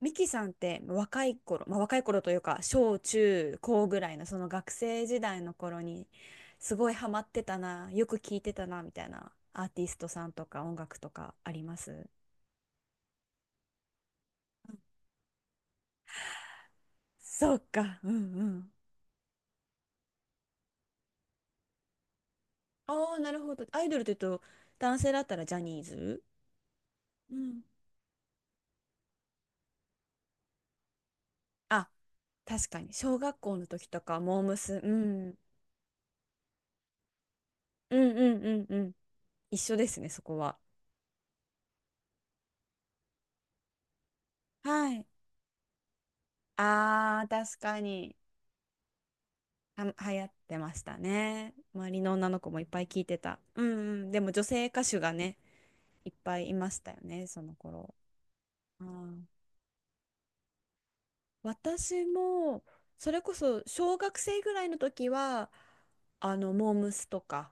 ミキさんって若い頃、まあ、若い頃というか小中高ぐらいのその学生時代の頃に、すごいハマってたな、よく聴いてたなみたいなアーティストさんとか音楽とかあります？そうか、うんうん。ああ、なるほど。アイドルというと男性だったらジャニーズ？うん。あ、確かに小学校の時とかモームス、うん。うんうんうんうん。一緒ですね、そこは。はい。ああ、確かに。は、流行ってましたね。周りの女の子もいっぱい聞いてた。うん。うん。でも女性歌手がね、いっぱいいましたよね、その頃。あー。私も、それこそ小学生ぐらいの時は、あの、モームスとか、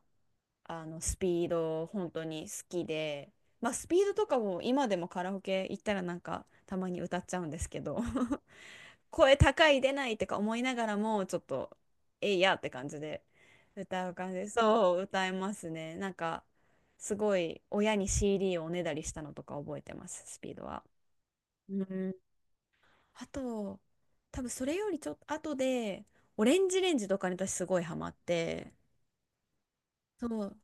あの、スピード、本当に好きで、まあ、スピードとかも今でもカラオケ行ったらなんか、たまに歌っちゃうんですけど。声高い出ないとか思いながらも、ちょっとえいやって感じで歌う感じで、そう歌えますね、なんか。すごい親に CD をおねだりしたのとか覚えてます、スピードは。うん。あと、多分それよりちょっと後でオレンジレンジとかに私すごいハマって、そう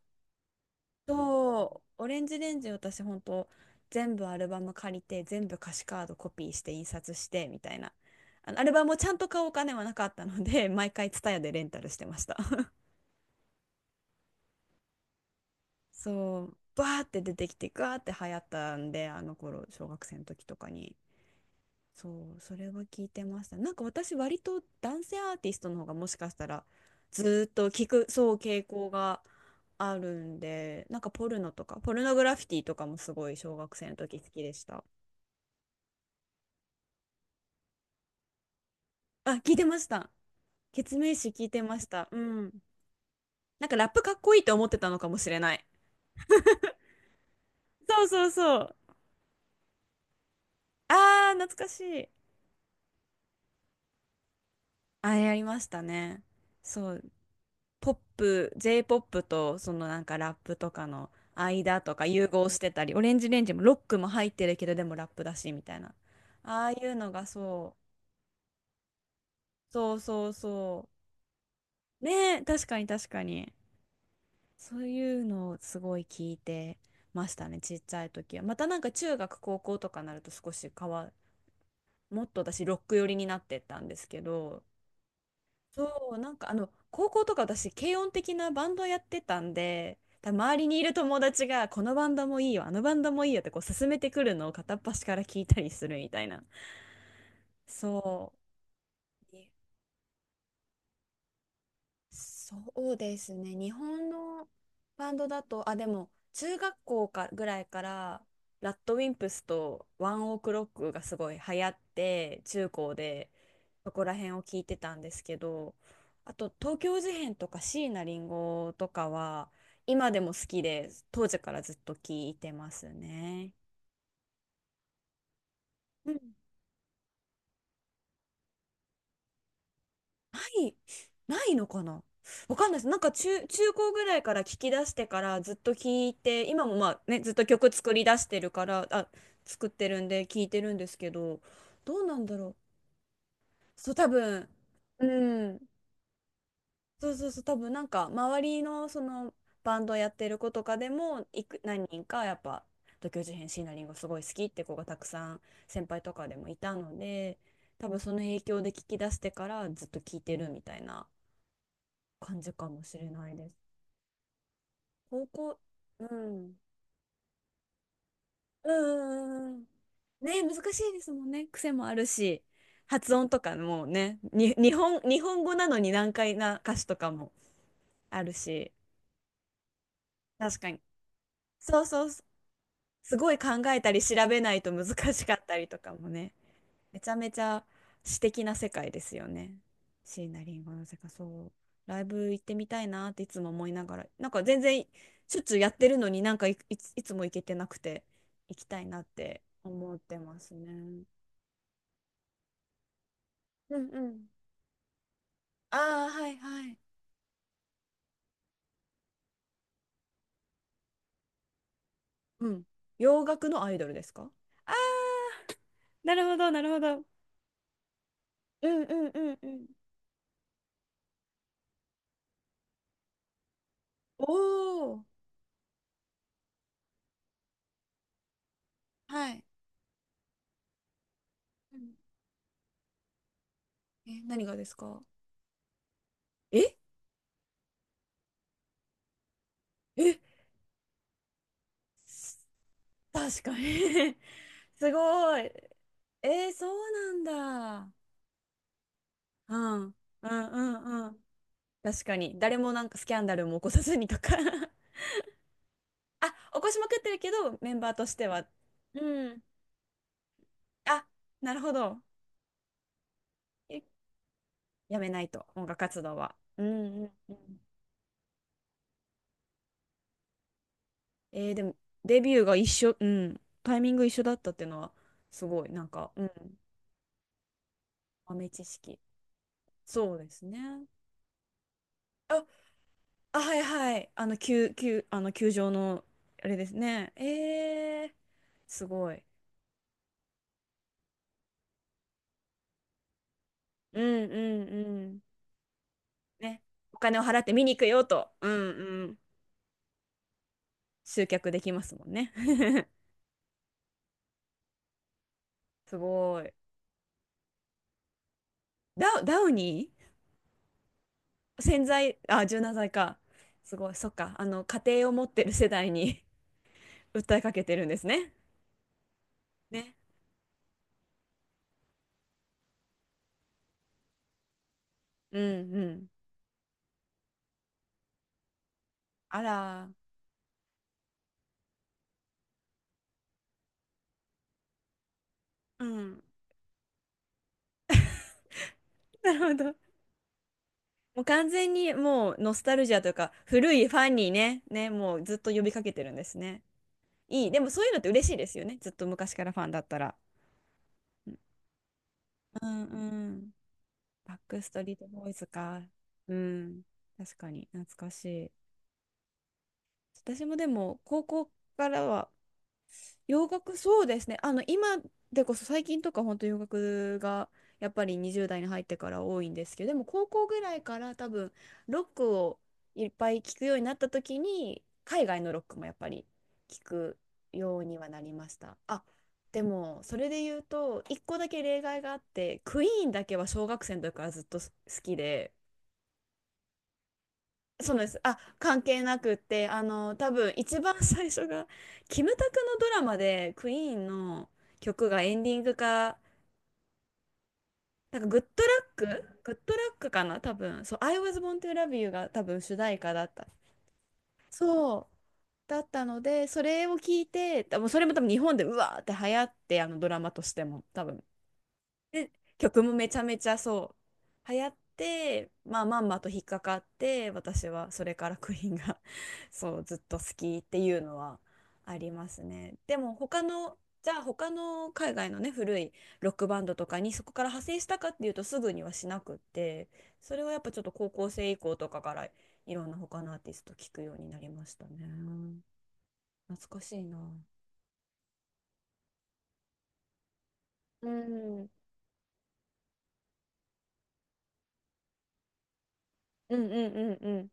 そう、オレンジレンジ私ほんと全部アルバム借りて全部歌詞カードコピーして印刷してみたいな、あのアルバムをちゃんと買うお金はなかったので毎回 TSUTAYA でレンタルしてました。 そうバーって出てきてガーって流行ったんで、あの頃小学生の時とかに、そうそれは聞いてました。なんか私割と男性アーティストの方がもしかしたらずーっと聞く、そう傾向があるんで、なんかポルノとかポルノグラフィティとかもすごい小学生の時好きでした。あ、聞いてました。ケツメイシ聞いてました。うん。なんかラップかっこいいと思ってたのかもしれない。そうそうそう。あー、懐かしい。あれやりましたね。そう。ポップ、J ポップとそのなんかラップとかの間とか融合してたり、オレンジレンジもロックも入ってるけどでもラップだしみたいな。ああいうのがそう。そうそうそう。ねえ、確かに確かに。そういうのをすごい聞いてましたね、ちっちゃい時は。またなんか中学、高校とかになると少し変わ、もっと私ロック寄りになってったんですけど、そう、なんかあの、高校とか私軽音的なバンドやってたんで、多分周りにいる友達がこのバンドもいいよ、あのバンドもいいよってこう勧めてくるのを片っ端から聞いたりするみたいな。そう。そうですね。日本のバンドだと、あ、でも、中学校かぐらいから、ラッドウィンプスとワンオクロックがすごい流行って、中高でそこら辺を聞いてたんですけど、あと、東京事変とか椎名林檎とかは、今でも好きで、当時からずっと聞いてますね。うん。ない。ないのかな。わかんないです。なんか中高ぐらいから聞き出してからずっと聞いて、今もまあね、ずっと曲作り出してるから、あ、作ってるんで聞いてるんですけど、どうなんだろう。そう、多分、うん。そうそうそう、多分なんか周りのそのバンドやってる子とかでも、何人かやっぱ、東京事変、椎名林檎すごい好きって子がたくさん先輩とかでもいたので、多分その影響で聞き出してからずっと聞いてるみたいな感じかもしれないです。高校、うん。うんうんうんうん。ね、難しいですもんね。癖もあるし、発音とかもね、日本語なのに難解な歌詞とかもあるし、確かに。そうそう、すごい考えたり調べないと難しかったりとかもね。めちゃめちゃ詩的な世界ですよね。椎名林檎の世界、そう。ライブ行ってみたいなっていつも思いながら、なんか全然しょっちゅうやってるのに、いつも行けてなくて、行きたいなって思ってますね。うんうん。ああ、はいはい。うん。洋楽のアイドルですか？ああー、なるほど、なるほど。うんうんうんうん。おお。はい。うん。え、何がですか？ええ？確かに。 すごい。えー、そうなんだ。うん。うんうんうん。確かに。誰もなんかスキャンダルも起こさずにとか。 あ、起こしまくってるけど、メンバーとしては。うん。あ、なるほど。え、やめないと、音楽活動は。うんうんうん。えー、でも、デビューが一緒、うん。タイミング一緒だったっていうのは、すごい、なんか、うん。豆知識。そうですね。ああ、はいはい。あの、球、あの、球場の、あれですね。えー、すごい。うんうんうん。ね。お金を払って見に行くよと。うん。うん。集客できますもんね。すごい。ダウニー洗剤、あ、柔軟剤か。すごい。そっか。あの、家庭を持ってる世代に、 訴えかけてるんですね。ね。うんうん。あら。うん。なるほど。もう完全にもうノスタルジアというか古いファンにね、ね、もうずっと呼びかけてるんですね。いい。でもそういうのって嬉しいですよね。ずっと昔からファンだったら。うんうん。バックストリートボーイズか。うん。確かに懐かしい。私もでも高校からは洋楽、そうですね。あの今でこそ最近とか本当洋楽がやっぱり20代に入ってから多いんですけど、でも高校ぐらいから多分ロックをいっぱい聞くようになった時に海外のロックもやっぱり聞くようにはなりました。あ、でもそれで言うと一個だけ例外があって、クイーンだけは小学生の時からずっと好きで。そうです。あ、関係なくって、あの、多分一番最初が、キムタクのドラマで、クイーンの曲がエンディングか、なんか、グッドラックかな多分。そう、I was born to love you が多分主題歌だった。そう。だったので、それを聞いて、多分それも多分日本でうわーって流行って、あのドラマとしても、多分。で、曲もめちゃめちゃそう流行って、まあまんまと引っかかって私はそれからクイーンが、 そうずっと好きっていうのはありますね。でも他の、じゃあ他の海外のね古いロックバンドとかにそこから派生したかっていうと、すぐにはしなくって、それはやっぱちょっと高校生以降とかからいろんな他のアーティスト聞くようになりましたね。懐かしいな。うん、うん。うんうんうん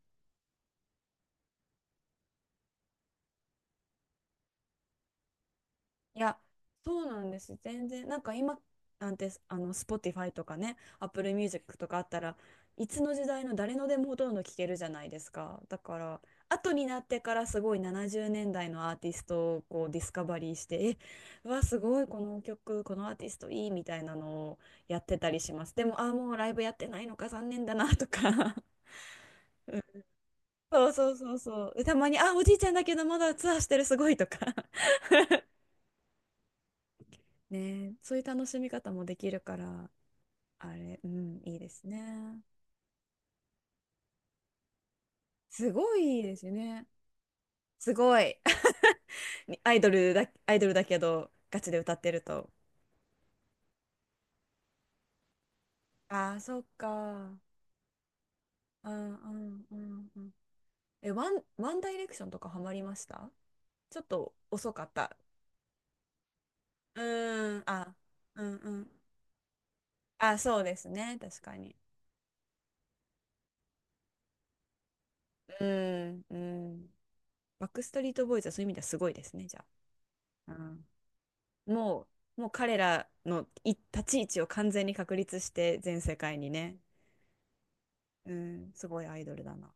いや、そうなんです。全然、なんか今なんて、あの、Spotify とかね、Apple Music とかあったらいつの時代の誰のでもほとんど聴けるじゃないですか。だから、後になってからすごい70年代のアーティストをこうディスカバリーして、え、うわ、すごい、この曲、このアーティストいいみたいなのをやってたりします。でも、あ、もうライブやってないのか、残念だなとか。そうそうそうそう。で、たまに、あ、おじいちゃんだけどまだツアーしてる、すごいとか。ねえ、そういう楽しみ方もできるから。あれ、うん、いいですね。すごいいいですよね。すごい。アイドルだ、アイドルだけど、ガチで歌ってると。ああ、そっか。うんうんうんうん。え、ワンダイレクションとかハマりました？ちょっと遅かった。うーん、あ、うんうん。あ、そうですね。確かに。うーん、うん。バックストリートボーイズはそういう意味ではすごいですね、じゃあ。うん、ももう彼らのい立ち位置を完全に確立して全世界にね、うん、すごいアイドルだな。